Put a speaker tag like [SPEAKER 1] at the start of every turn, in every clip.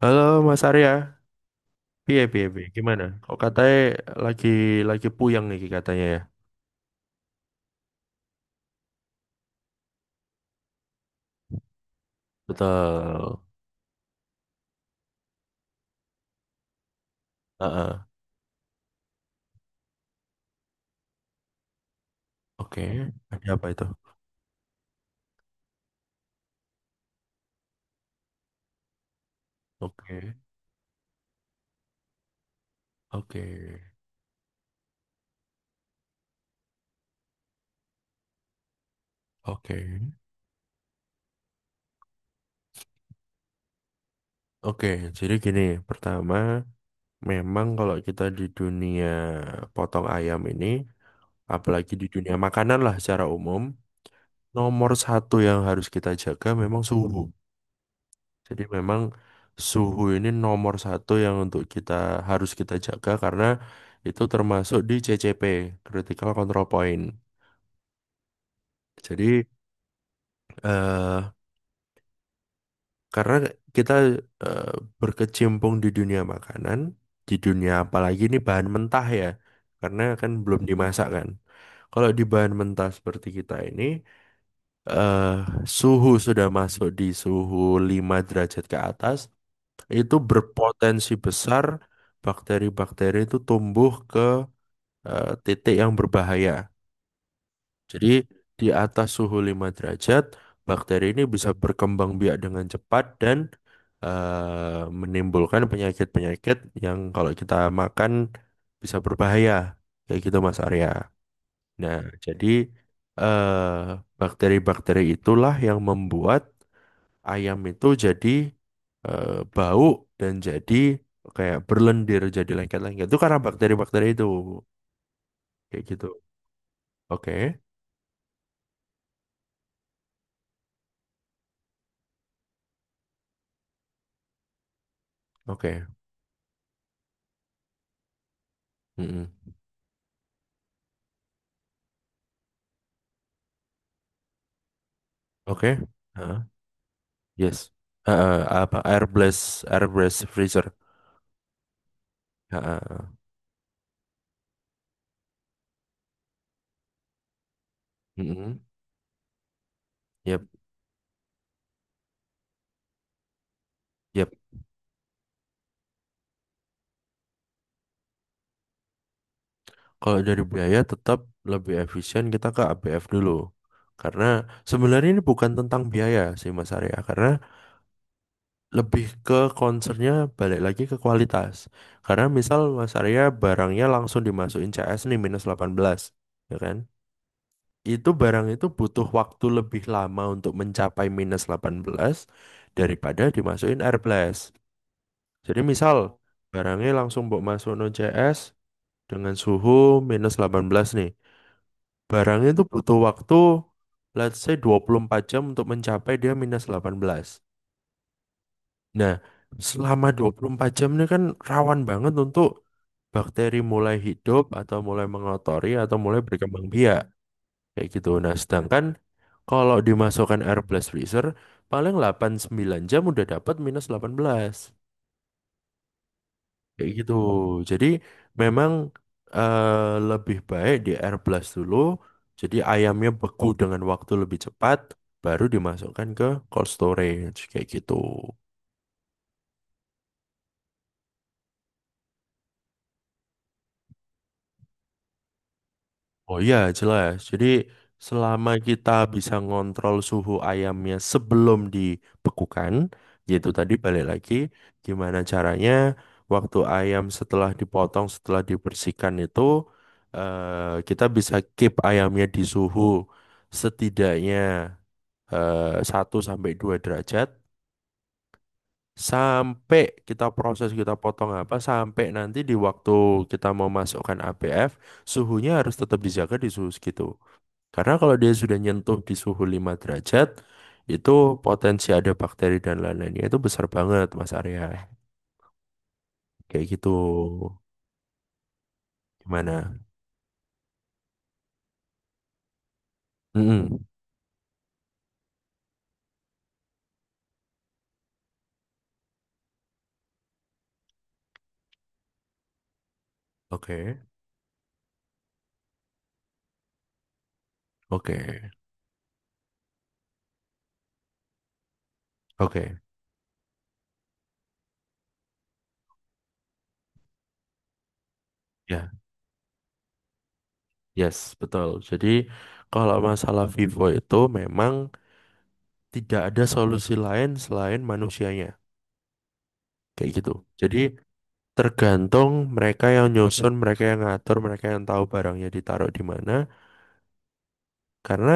[SPEAKER 1] Halo Mas Arya, piye piye piye, gimana? Kok katanya lagi lagi puyeng nih katanya ya? Betul. Heeh. Oke, ada apa itu? Oke, oke, oke, oke. Jadi gini, pertama, memang kalau kita di dunia potong ayam ini, apalagi di dunia makanan lah secara umum, nomor satu yang harus kita jaga memang suhu. Jadi memang suhu ini nomor satu yang untuk kita harus kita jaga karena itu termasuk di CCP Critical Control Point. Jadi eh, karena kita eh, berkecimpung di dunia makanan, di dunia apalagi ini bahan mentah ya, karena kan belum dimasak kan. Kalau di bahan mentah seperti kita ini eh, suhu sudah masuk di suhu 5 derajat ke atas, itu berpotensi besar bakteri-bakteri itu tumbuh ke titik yang berbahaya. Jadi di atas suhu 5 derajat, bakteri ini bisa berkembang biak dengan cepat dan menimbulkan penyakit-penyakit yang kalau kita makan bisa berbahaya. Kayak gitu Mas Arya. Nah, jadi eh, bakteri-bakteri itulah yang membuat ayam itu jadi eh, bau dan jadi kayak berlendir jadi lengket-lengket itu karena bakteri-bakteri itu kayak gitu. Oke, oke. Mm-mm. Oke. Heeh. Yes. Heeh, apa air blast freezer. Heeh. Mm-mm. Yep, yep. Kalau dari biaya tetap lebih efisien kita ke ABF dulu. Karena sebenarnya ini bukan tentang biaya sih Mas Arya. Karena lebih ke concernnya balik lagi ke kualitas. Karena misal Mas Arya barangnya langsung dimasukin CS nih minus 18, ya kan? Itu barang itu butuh waktu lebih lama untuk mencapai minus 18 daripada dimasukin air blast. Jadi misal barangnya langsung buat masuk no CS dengan suhu minus 18 nih. Barangnya itu butuh waktu let's say 24 jam untuk mencapai dia minus 18. Nah, selama 24 jam ini kan rawan banget untuk bakteri mulai hidup atau mulai mengotori atau mulai berkembang biak kayak gitu. Nah, sedangkan kalau dimasukkan air blast freezer paling 8-9 jam udah dapat minus 18 kayak gitu. Jadi memang eh, lebih baik di air blast dulu. Jadi ayamnya beku dengan waktu lebih cepat baru dimasukkan ke cold storage kayak gitu. Oh iya, jelas. Jadi selama kita bisa ngontrol suhu ayamnya sebelum dibekukan, yaitu tadi balik lagi gimana caranya waktu ayam setelah dipotong, setelah dibersihkan itu kita bisa keep ayamnya di suhu setidaknya 1 sampai 2 derajat sampai kita proses kita potong apa sampai nanti di waktu kita mau masukkan ABF suhunya harus tetap dijaga di suhu segitu. Karena kalau dia sudah nyentuh di suhu 5 derajat, itu potensi ada bakteri dan lain-lainnya itu besar banget, Mas Arya. Kayak gitu. Gimana? Mm-mm. Oke, oke, oke. Ya, yes, betul. Jadi kalau masalah Vivo itu memang tidak ada solusi lain selain manusianya. Kayak gitu. Jadi tergantung mereka yang nyusun, mereka yang ngatur, mereka yang tahu barangnya ditaruh di mana. Karena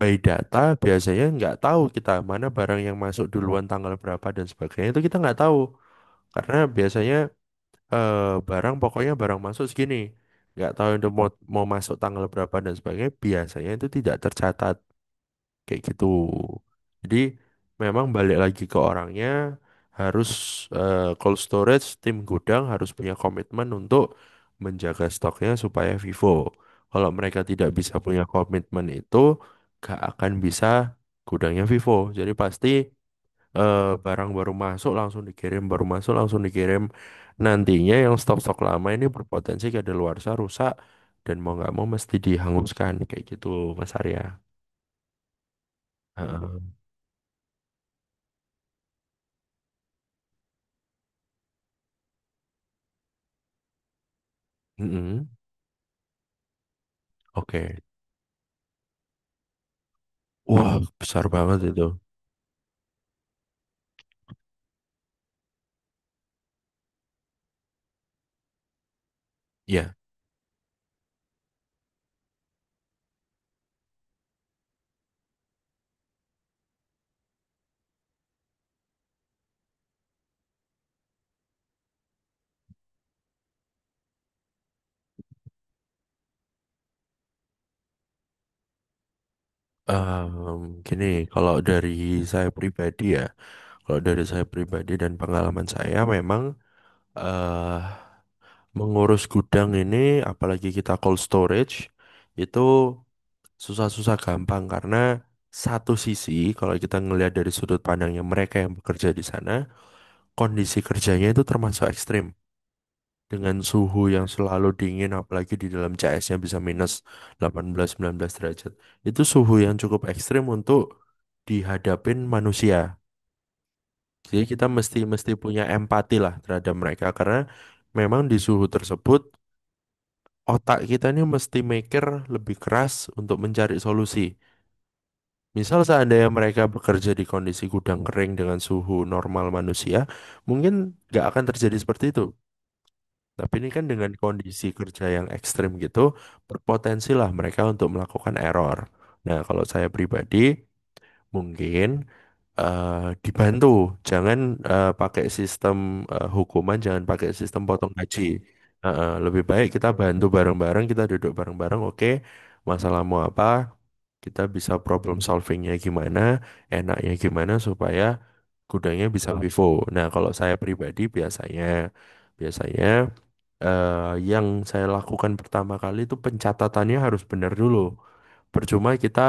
[SPEAKER 1] by data biasanya nggak tahu kita mana barang yang masuk duluan tanggal berapa dan sebagainya itu kita nggak tahu. Karena biasanya eh, barang pokoknya barang masuk segini. Nggak tahu itu mau masuk tanggal berapa dan sebagainya biasanya itu tidak tercatat kayak gitu. Jadi memang balik lagi ke orangnya harus cold storage tim gudang harus punya komitmen untuk menjaga stoknya supaya vivo. Kalau mereka tidak bisa punya komitmen itu gak akan bisa gudangnya vivo. Jadi pasti barang baru masuk langsung dikirim, baru masuk langsung dikirim. Nantinya yang stok-stok lama ini berpotensi kedaluarsa rusak dan mau nggak mau mesti dihanguskan kayak gitu Mas Arya. Heeh. Mm-mm. Oke. Wah, besar banget itu. Ya, gini, kalau dari saya pribadi ya, kalau dari saya pribadi dan pengalaman saya memang eh mengurus gudang ini, apalagi kita cold storage, itu susah-susah gampang karena satu sisi, kalau kita ngelihat dari sudut pandangnya mereka yang bekerja di sana, kondisi kerjanya itu termasuk ekstrim. Dengan suhu yang selalu dingin apalagi di dalam CS-nya bisa minus 18-19 derajat, itu suhu yang cukup ekstrim untuk dihadapin manusia. Jadi kita mesti mesti punya empati lah terhadap mereka karena memang di suhu tersebut otak kita ini mesti mikir lebih keras untuk mencari solusi. Misal seandainya mereka bekerja di kondisi gudang kering dengan suhu normal manusia mungkin nggak akan terjadi seperti itu. Tapi ini kan dengan kondisi kerja yang ekstrim gitu, berpotensi lah mereka untuk melakukan error. Nah, kalau saya pribadi, mungkin eh, dibantu. Jangan pakai sistem hukuman, jangan pakai sistem potong gaji. Lebih baik kita bantu bareng-bareng, kita duduk bareng-bareng. Oke, masalahmu apa? Kita bisa problem solvingnya gimana, enaknya gimana supaya gudangnya bisa vivo. Nah, kalau saya pribadi biasanya, biasanya eh, yang saya lakukan pertama kali itu pencatatannya harus benar dulu. Percuma kita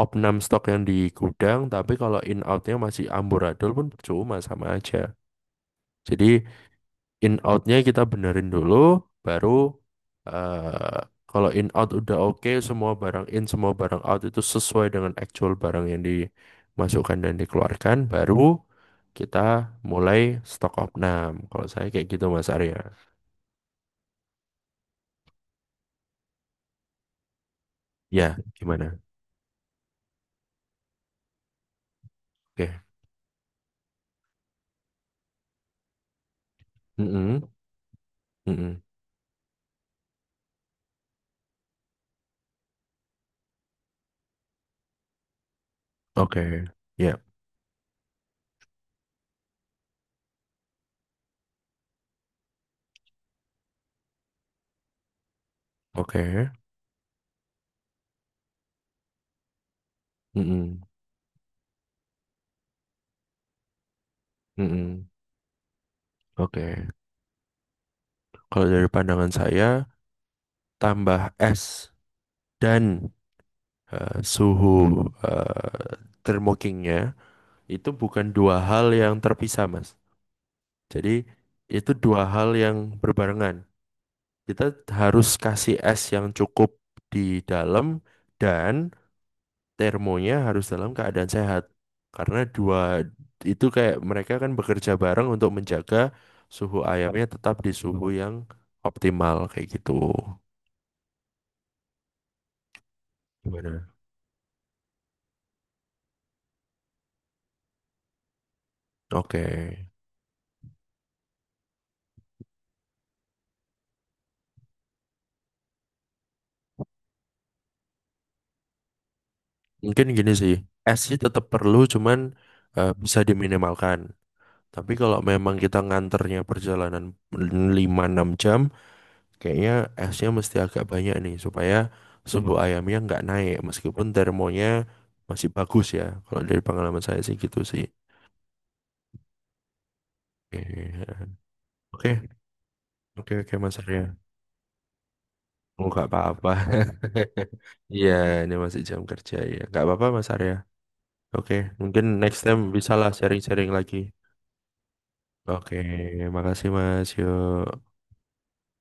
[SPEAKER 1] opnam stok yang di gudang tapi kalau in outnya masih amburadul pun percuma sama aja. Jadi in outnya kita benerin dulu baru eh kalau in out udah oke, semua barang in semua barang out itu sesuai dengan actual barang yang dimasukkan dan dikeluarkan, baru kita mulai stok opnam. Kalau saya kayak gitu Mas Arya. Ya. Gimana? Oke. Mm-mm. Mm-mm. Oke. Ya. Oke. Mm-mm. Mm-mm. Oke. Kalau dari pandangan saya, tambah es dan suhu eh, termokingnya itu bukan dua hal yang terpisah, Mas. Jadi itu dua hal yang berbarengan. Kita harus kasih es yang cukup di dalam dan termonya harus dalam keadaan sehat. Karena dua itu kayak mereka kan bekerja bareng untuk menjaga suhu ayamnya tetap di suhu yang optimal kayak gitu. Gimana? Oke. Mungkin gini sih, es sih tetap perlu, cuman bisa diminimalkan. Tapi kalau memang kita nganternya perjalanan 5-6 jam, kayaknya esnya mesti agak banyak nih, supaya suhu ayamnya nggak naik, meskipun termonya masih bagus ya. Kalau dari pengalaman saya sih gitu sih. Oke, oke, oke, oke, Mas Arya. Oh, nggak apa-apa. Iya, ini masih jam kerja ya. Nggak apa-apa, Mas Arya. Oke, mungkin next time bisalah sharing-sharing lagi. Oke, makasih Mas. Yuk.